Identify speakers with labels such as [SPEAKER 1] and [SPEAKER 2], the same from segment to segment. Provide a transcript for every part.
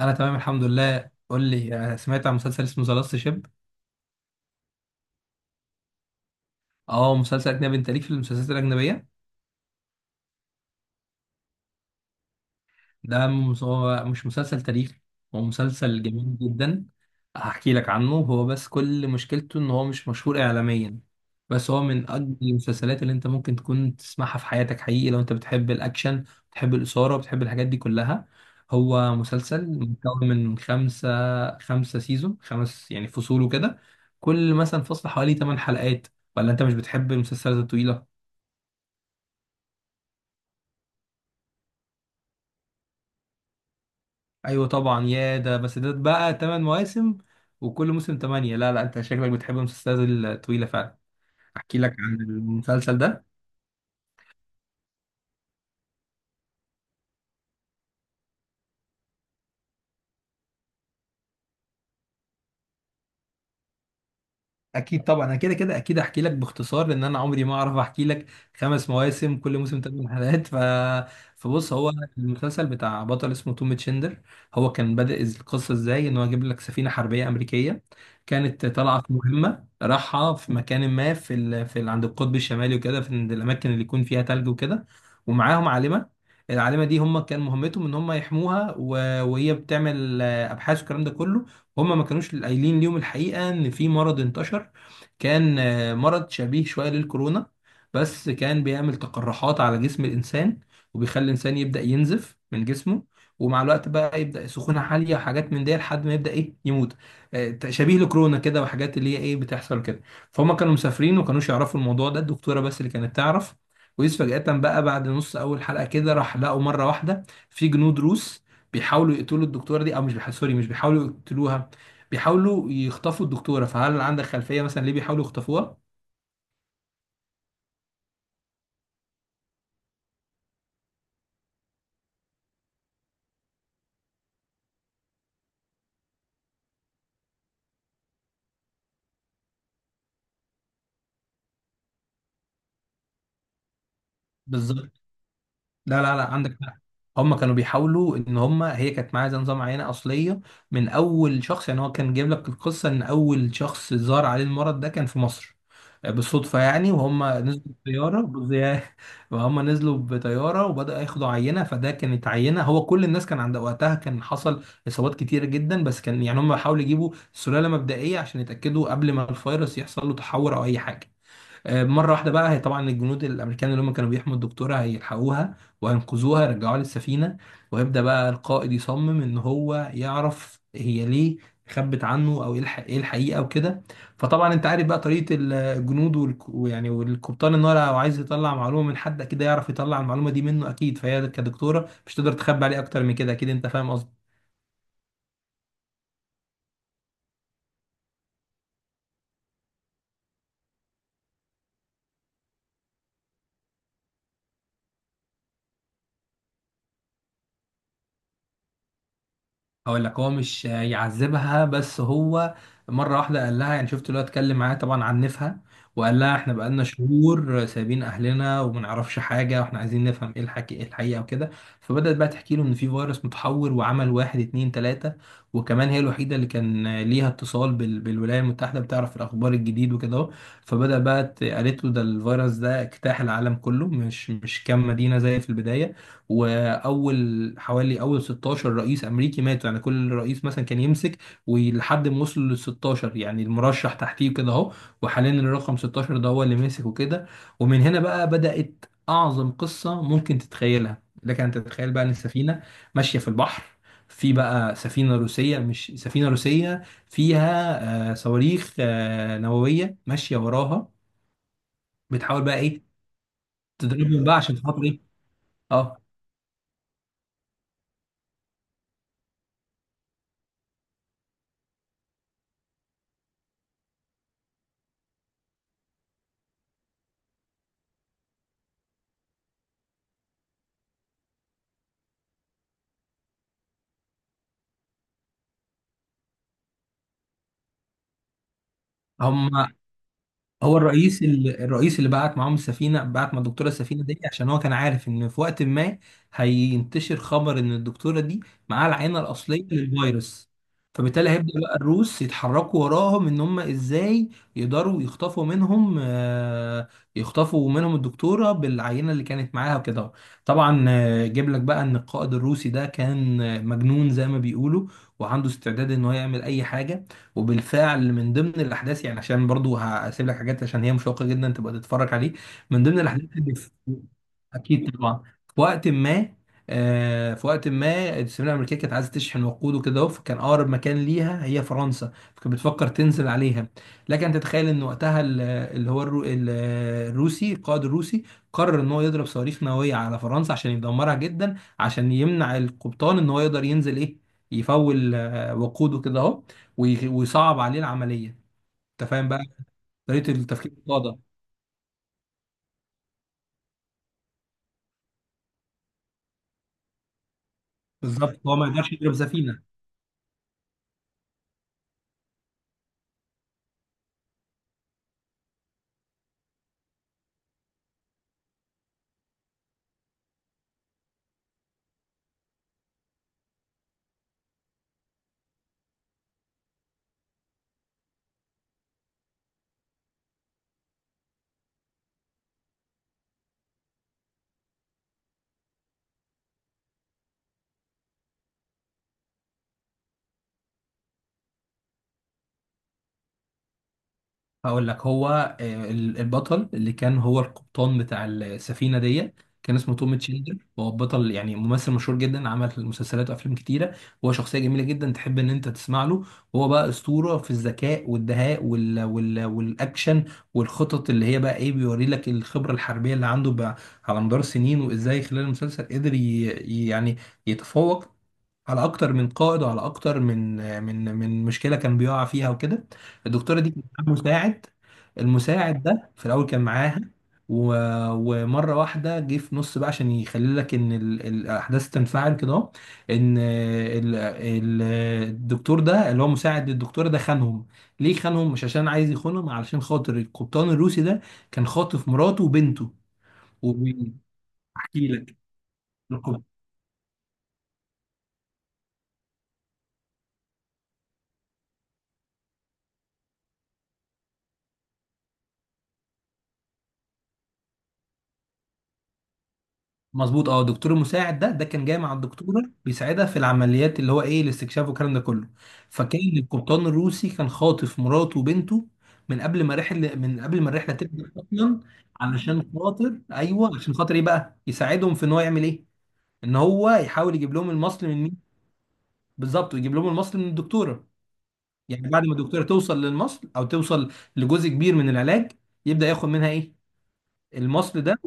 [SPEAKER 1] انا تمام الحمد لله، قول لي أنا سمعت عن مسلسل اسمه ذا لاست شيب. اه، مسلسل اجنبي. انت ليك في المسلسلات الاجنبيه؟ هو مش مسلسل تاريخي. هو مسلسل جميل جدا. هحكي لك عنه. هو بس كل مشكلته ان هو مش مشهور اعلاميا، بس هو من اجمل المسلسلات اللي انت ممكن تكون تسمعها في حياتك حقيقي، لو انت بتحب الاكشن، بتحب الاثاره، بتحب الحاجات دي كلها. هو مسلسل مكون من خمسة سيزون، خمس يعني فصول وكده. كل مثلا فصل حوالي 8 حلقات. ولا انت مش بتحب المسلسلات الطويلة؟ ايوه طبعا، يا ده بس ده بقى ثمان مواسم، وكل موسم ثمانية. لا، لا، انت شكلك بتحب المسلسلات الطويلة فعلا. احكي لك عن المسلسل ده. اكيد طبعا، انا كده كده اكيد احكي لك باختصار، لان انا عمري ما اعرف احكي لك. خمس مواسم، كل موسم ثمان حلقات. فبص. هو المسلسل بتاع بطل اسمه توم تشندر. هو كان بدأ القصه ازاي ان هو جاب لك سفينه حربيه امريكيه، كانت طالعه في مهمه، راحها في مكان ما عند القطب الشمالي وكده، في عند الاماكن اللي يكون فيها ثلج وكده. ومعاهم عالمه. العالمه دي هم كان مهمتهم ان هم يحموها، وهي بتعمل ابحاث والكلام ده كله. هم ما كانوش قايلين ليهم الحقيقة، ان في مرض انتشر، كان مرض شبيه شوية للكورونا. بس كان بيعمل تقرحات على جسم الانسان، وبيخلي الانسان يبدأ ينزف من جسمه، ومع الوقت بقى يبدأ سخونة عالية وحاجات من دي لحد ما يبدأ ايه، يموت. شبيه لكورونا كده، وحاجات اللي هي ايه، بتحصل كده. فهم كانوا مسافرين وما كانوش يعرفوا الموضوع ده، الدكتورة بس اللي كانت تعرف. ويس فجأة بقى، بعد نص أول حلقة كده، راح لقوا مرة واحدة في جنود روس بيحاولوا يقتلوا الدكتورة دي. أو مش بيحاولوا، سوري، مش بيحاولوا يقتلوها، بيحاولوا يخطفوا الدكتورة. فهل عندك خلفية مثلا ليه بيحاولوا يخطفوها؟ بالظبط. لا، لا، لا، عندك حق. هم كانوا بيحاولوا ان هم، هي كانت معاها زي نظام عينة اصلية من اول شخص. يعني هو كان جايب لك القصة ان اول شخص ظهر عليه المرض ده كان في مصر، بالصدفة يعني. وهم نزلوا بطيارة وهم نزلوا بطيارة وبدأوا ياخدوا عينة. فده كانت عينة. هو كل الناس كان، عند وقتها كان حصل إصابات كتيرة جدا، بس كان يعني هم بيحاولوا يجيبوا سلالة مبدئية عشان يتأكدوا قبل ما الفيروس يحصل له تحور أو أي حاجة. مرة واحدة بقى، هي طبعا الجنود الأمريكان اللي هم كانوا بيحموا الدكتورة هيلحقوها وهينقذوها، يرجعوها للسفينة. ويبدأ بقى القائد يصمم إن هو يعرف هي ليه خبت عنه، أو إيه إيه الحقيقة وكده. فطبعا أنت عارف بقى طريقة الجنود ويعني والقبطان، إن هو لو عايز يطلع معلومة من حد كده، يعرف يطلع المعلومة دي منه أكيد. فهي كدكتورة مش تقدر تخبي عليه أكتر من كده، أكيد أنت فاهم. هقول لك، هو مش يعذبها، بس هو مره واحده قال لها، يعني شفت اللي هو اتكلم معاها، طبعا عنفها، وقال لها احنا بقالنا شهور سايبين اهلنا وما نعرفش حاجه، واحنا عايزين نفهم ايه الحكي، ايه الحقيقه وكده. فبدات بقى تحكي له ان في فيروس متحور، وعمل واحد اتنين تلاته. وكمان هي الوحيده اللي كان ليها اتصال بالولايات المتحده، بتعرف الاخبار الجديد وكده اهو. فبدا بقى قالت له ده الفيروس ده اجتاح العالم كله، مش كام مدينه زي في البدايه. حوالي اول 16 رئيس امريكي ماتوا، يعني كل رئيس مثلا كان يمسك ولحد ما وصل لل 16، يعني المرشح تحتيه كده اهو. وحاليا الرقم 16 ده هو اللي ماسك وكده. ومن هنا بقى بدأت اعظم قصة ممكن تتخيلها. لك ان تتخيل بقى ان السفينة ماشية في البحر، في بقى سفينة روسية، مش سفينة روسية، فيها صواريخ نووية ماشية وراها، بتحاول بقى ايه، تضربهم بقى عشان خاطر ايه. اه. هم هو الرئيس، الرئيس اللي بعت معاهم السفينه، بعت مع الدكتوره السفينه دي عشان هو كان عارف ان في وقت ما هينتشر خبر ان الدكتوره دي معاها العينه الاصليه للفيروس. فبالتالي هيبدا بقى الروس يتحركوا وراهم، ان هم ازاي يقدروا يخطفوا منهم، يخطفوا منهم الدكتوره بالعينه اللي كانت معاها وكده. طبعا، جيب لك بقى ان القائد الروسي ده كان مجنون زي ما بيقولوا، وعنده استعداد ان هو يعمل اي حاجه. وبالفعل من ضمن الاحداث، يعني عشان برضو هسيب لك حاجات عشان هي مشوقه جدا تبقى تتفرج عليه، من ضمن الاحداث اللي في- اكيد طبعا، في وقت ما، في وقت ما السفينه الامريكيه كانت عايزه تشحن وقود وكده أهو، فكان اقرب مكان ليها هي فرنسا، فكانت بتفكر تنزل عليها. لكن تتخيل ان وقتها ال- اللي هو الرو... ال- القائد الروسي قرر ان هو يضرب صواريخ نوويه على فرنسا، عشان يدمرها جدا، عشان يمنع القبطان ان هو يقدر ينزل ايه، يفول وقوده كده اهو، ويصعب عليه العمليه. انت فاهم بقى طريقه التفكير القاده. بالظبط، هو ما يقدرش يضرب سفينه. هقول لك، هو البطل اللي كان هو القبطان بتاع السفينه دي كان اسمه توم تشيلدر. هو بطل يعني ممثل مشهور جدا، عمل مسلسلات وافلام كتيره. هو شخصيه جميله جدا تحب ان انت تسمع له. هو بقى اسطوره في الذكاء والدهاء والاكشن والخطط، اللي هي بقى ايه، بيوري لك الخبره الحربيه اللي عنده بقى على مدار السنين، وازاي خلال المسلسل قدر يعني يتفوق على اكتر من قائد، وعلى اكتر من مشكله كان بيقع فيها وكده. الدكتوره دي كان معاها مساعد. المساعد ده في الاول كان معاها، و... ومره واحده جه في نص بقى عشان يخلي لك ان الاحداث تنفعل كده أهو، ان الدكتور ده اللي هو مساعد الدكتوره ده خانهم. ليه خانهم؟ مش عشان عايز يخونهم، علشان خاطر القبطان الروسي ده كان خاطف مراته وبنته، وبيحكي لك، مظبوط. اه، الدكتور المساعد ده كان جاي مع الدكتوره بيساعدها في العمليات، اللي هو ايه، الاستكشاف والكلام ده كله. فكان القبطان الروسي كان خاطف مراته وبنته من قبل ما الرحله تبدا اصلا، علشان خاطر ايوه، عشان خاطر ايه بقى يساعدهم في ان هو يعمل ايه، ان هو يحاول يجيب لهم المصل من مين. بالظبط، ويجيب لهم المصل من الدكتوره. يعني بعد ما الدكتوره توصل للمصل، او توصل لجزء كبير من العلاج، يبدا ياخد منها ايه، المصل ده.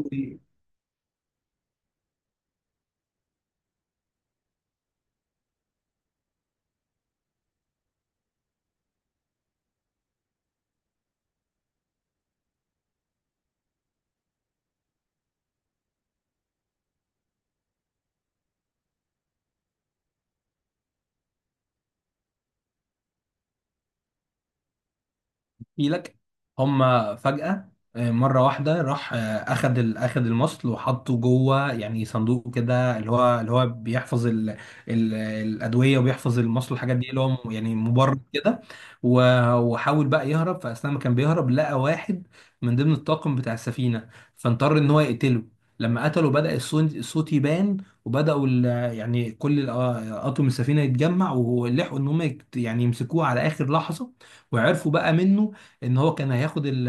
[SPEAKER 1] احكي لك، هما فجأة، مرة واحدة راح أخد المصل، وحطه جوه يعني صندوق كده، اللي هو بيحفظ ال الأدوية، وبيحفظ المصل والحاجات دي، اللي هو يعني مبرد كده. وحاول بقى يهرب، فأثناء ما كان بيهرب لقى واحد من ضمن الطاقم بتاع السفينة، فاضطر إن هو يقتله. لما قتله بدأ الصوت يبان، وبدأوا يعني أطقم السفينة يتجمع، ولحقوا إن هم يعني يمسكوه على آخر لحظة. وعرفوا بقى منه ان هو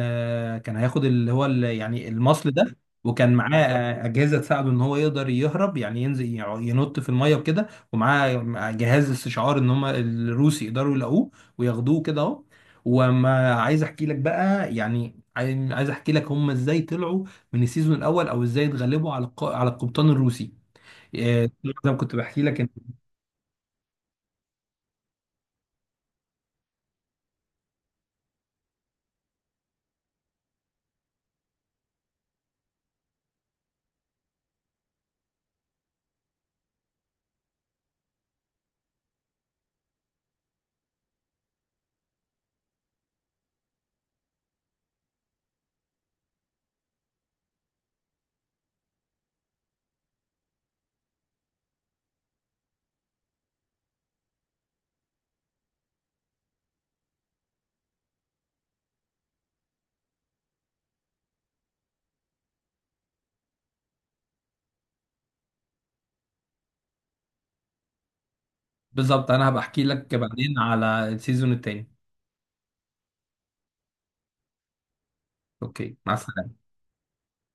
[SPEAKER 1] كان هياخد اللي هو يعني المصل ده. وكان معاه اجهزه تساعده ان هو يقدر يهرب، يعني ينزل ينط في الميه وكده، ومعاه جهاز استشعار ان هم الروس يقدروا يلاقوه وياخدوه كده اهو. وما عايز احكي لك بقى، يعني عايز احكي لك هم ازاي طلعوا من السيزون الاول، او ازاي اتغلبوا على على القبطان الروسي. زي ما كنت بحكي لك. بالظبط، انا هبقى احكي لك بعدين على السيزون التاني. اوكي، مع السلامه.